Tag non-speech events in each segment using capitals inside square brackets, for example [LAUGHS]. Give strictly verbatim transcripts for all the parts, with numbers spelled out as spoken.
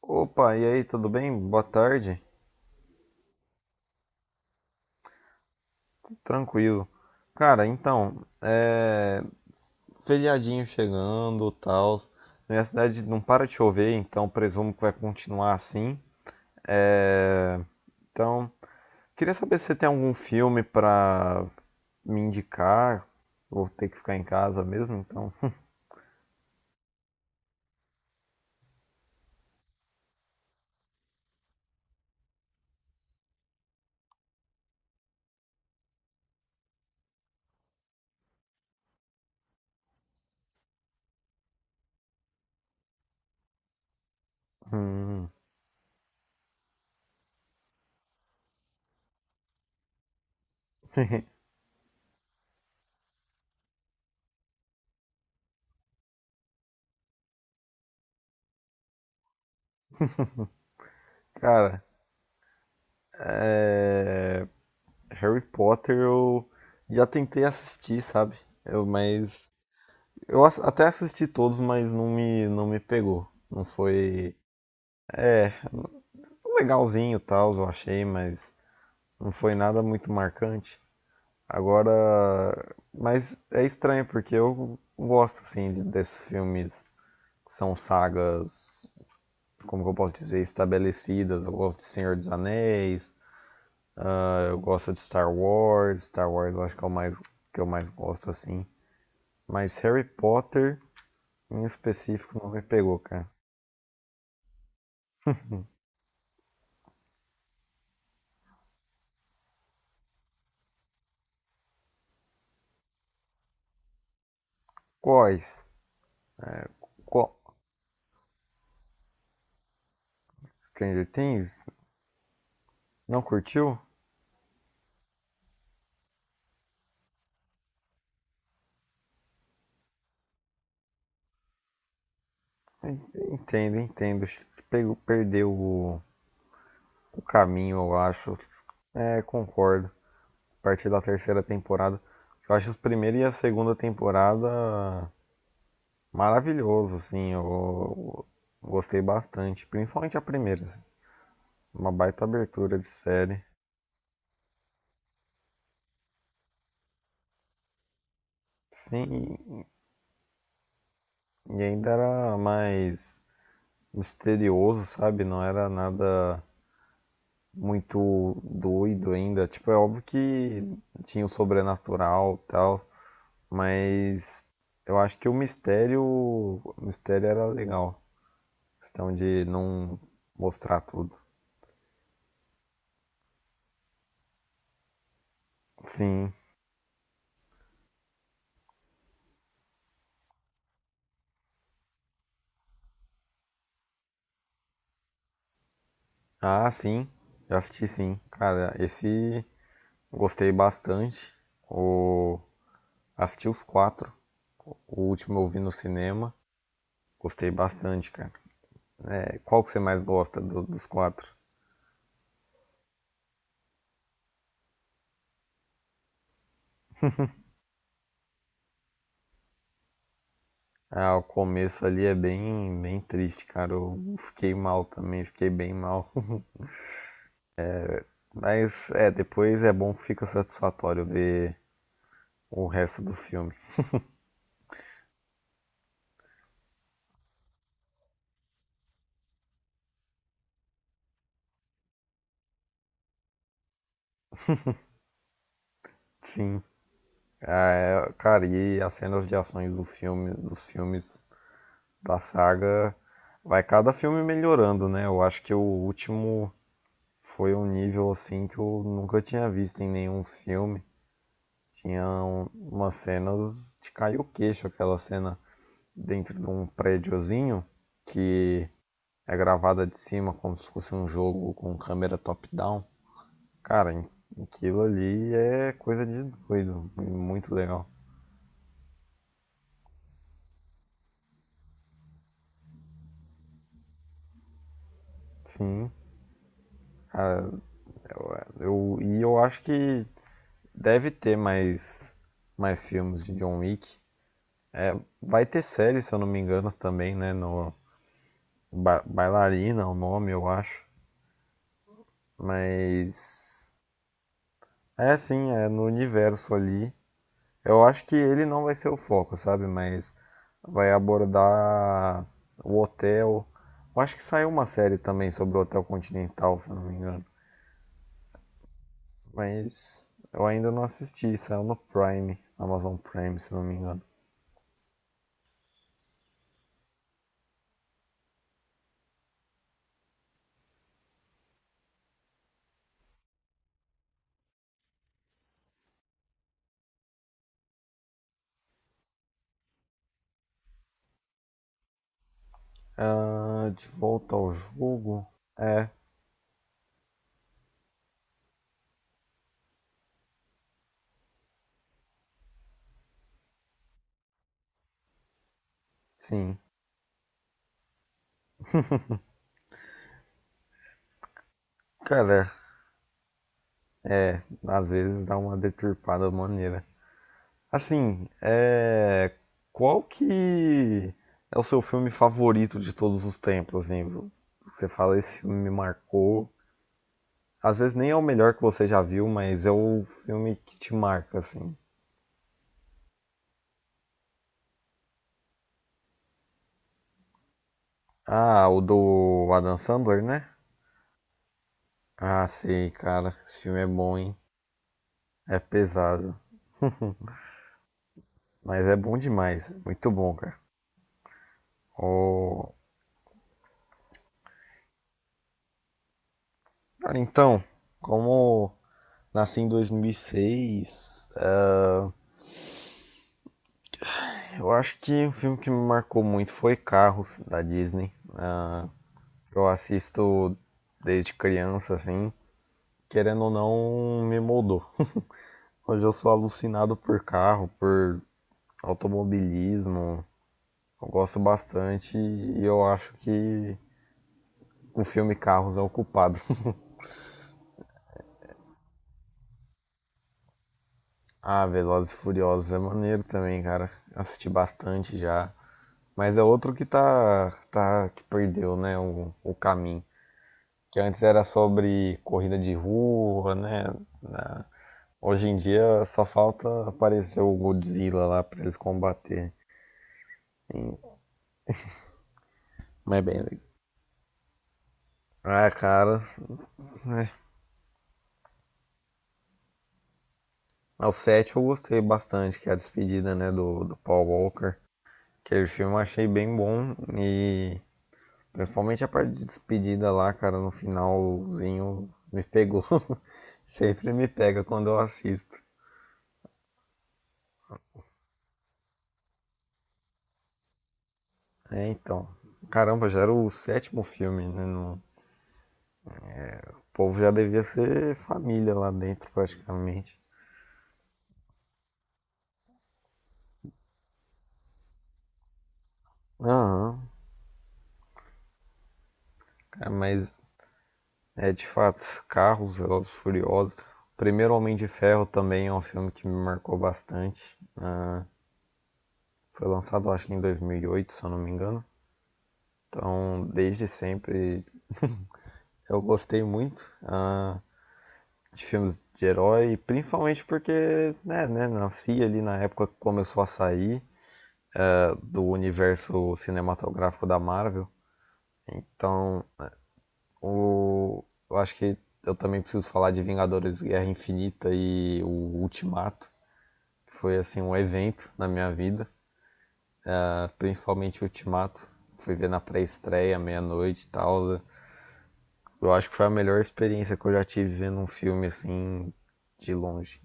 Opa, e aí, tudo bem? Boa tarde. Tranquilo. Cara, então, é... feriadinho chegando, tal. Na minha cidade não para de chover, então presumo que vai continuar assim. É... Então, queria saber se você tem algum filme pra me indicar. Vou ter que ficar em casa mesmo, então. [LAUGHS] Hum. Cara, é, Harry Potter eu já tentei assistir, sabe? Eu, mas Eu ass- até assisti todos, mas não me, não me pegou. Não foi. É, foi legalzinho e tal, eu achei, mas não foi nada muito marcante. Agora. Mas é estranho, porque eu gosto, assim, de- desses filmes que são sagas, como que eu posso dizer, estabelecidas. Eu gosto de Senhor dos Anéis, eu gosto de Star Wars. Star Wars eu acho que é o mais, que eu mais gosto, assim. Mas Harry Potter, em específico, não me pegou, cara. Quais? Qual, Stranger Things? Não curtiu? Entendo, entendo. Pegou, perdeu o, o caminho, eu acho. É, concordo. A partir da terceira temporada. Eu acho os primeira e a segunda temporada maravilhoso, assim. Eu, eu gostei bastante. Principalmente a primeira, assim. Uma baita abertura de série. Sim, e ainda era mais misterioso, sabe? Não era nada muito doido ainda. Tipo, é óbvio que tinha o sobrenatural e tal, mas eu acho que o mistério, o mistério era legal. Questão de não mostrar tudo. Sim. Ah, sim. Já assisti sim. Cara, esse gostei bastante. O... Assisti os quatro. O último eu vi no cinema. Gostei bastante, cara. É, qual que você mais gosta do- dos quatro? Ah, o começo ali é bem, bem triste, cara. Eu fiquei mal também, fiquei bem mal. [LAUGHS] Mas é, depois é bom que fica satisfatório ver o resto do filme. Sim. Ah, é, cara, e as cenas de ações do filme, dos filmes da saga, vai cada filme melhorando, né? Eu acho que o último foi um nível assim que eu nunca tinha visto em nenhum filme. Tinha um- umas cenas de cair o queixo, aquela cena dentro de um prédiozinho que é gravada de cima como se fosse um jogo com câmera top-down. Cara, aquilo ali é coisa de doido, muito legal. Sim, cara, eu, e eu acho que deve ter mais, mais filmes de John Wick. Vai ter série, se eu não me engano, também, né? No Ba- Bailarina, é o nome, eu acho. Mas é assim, é no universo ali. Eu acho que ele não vai ser o foco, sabe? Mas vai abordar o hotel. Eu acho que saiu uma série também sobre o Hotel Continental, se eu não me engano. Mas eu ainda não assisti, saiu no Prime, Amazon Prime, se eu não me engano. Ah, de volta ao jogo? É, sim. Cara, às vezes dá uma deturpada maneira. Assim, é... qual que é o seu filme favorito de todos os tempos, assim? Você fala, esse filme me marcou. Às vezes nem é o melhor que você já viu, mas é o filme que te marca, assim. Ah, o do Adam Sandler, né? Ah, sei, cara. Esse filme é bom, hein? É pesado. Mas é bom demais. Muito bom, cara. Ô, Cara, então, como nasci em dois mil e seis, Eu acho que o filme que me marcou muito foi Carros, da Disney. Ah, eu assisto desde criança, assim, querendo ou não, me moldou. Hoje eu sou alucinado por carro, por automobilismo. Eu gosto bastante e eu acho que o filme Carros é o culpado. [LAUGHS] ah, Velozes e Furiosos é maneiro também, cara. Assisti bastante já. Mas é outro que tá, tá que perdeu, né, o, o caminho. Que antes era sobre corrida de rua, né? Na- Hoje em dia só falta aparecer o Godzilla lá pra eles combater. E- Mas é bem legal. Ah, cara, é. Ao sétimo eu gostei bastante, que é a despedida, né, do, do Paul Walker. Aquele filme eu achei bem bom e principalmente a parte de despedida lá, cara, no finalzinho me pegou. [LAUGHS] Sempre me pega quando eu assisto. É, então. Caramba, já era o sétimo filme, né? Não, O povo já devia ser família lá dentro, praticamente. Aham, cara, mas é de fato, Carros, Velozes e Furiosos. O primeiro Homem de Ferro também é um filme que me marcou bastante. Foi lançado, acho que em dois mil e oito, se eu não me engano. Então, desde sempre, eu gostei muito ah, de filmes de herói, principalmente porque, né, né, nasci ali na época que começou a sair ah, do universo cinematográfico da Marvel. Então, O... Eu acho que eu também preciso falar de Vingadores Guerra Infinita e o Ultimato, que foi assim um evento na minha vida, ah, principalmente o Ultimato. Fui ver na pré-estreia, meia-noite e tal. Eu acho que foi a melhor experiência que eu já tive vendo um filme assim de longe.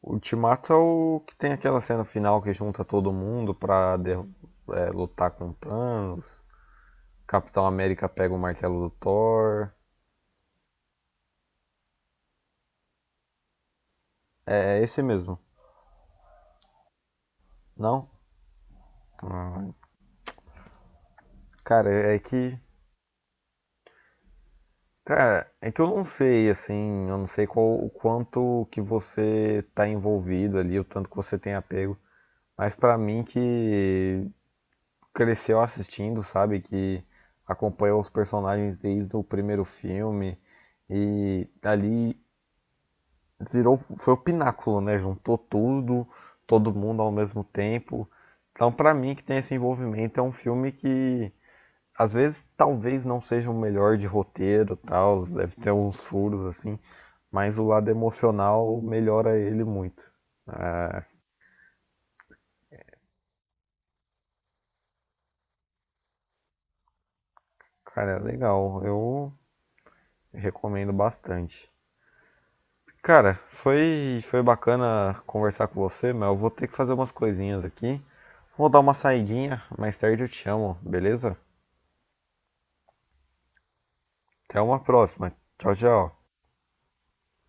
O Ultimato é o que tem aquela cena final que junta todo mundo pra der é, lutar com Thanos. Capitão América pega o martelo do Thor. É, é esse mesmo. Não? Ah, Cara, é que. Cara, é que eu não sei, assim, eu não sei qual, o quanto que você tá envolvido ali, o tanto que você tem apego, mas pra mim que cresceu assistindo, sabe, que acompanhou os personagens desde o primeiro filme e ali virou, foi o pináculo, né, juntou tudo, todo mundo ao mesmo tempo. Então, pra mim que tem esse envolvimento, é um filme que às vezes talvez não seja o melhor de roteiro tal, deve ter uns furos assim, mas o lado emocional melhora ele muito. Ah, cara, é legal, eu recomendo bastante. Cara, foi, foi bacana conversar com você, mas eu vou ter que fazer umas coisinhas aqui. Vou dar uma saidinha, mais tarde eu te chamo, beleza? Até uma próxima. Tchau, tchau.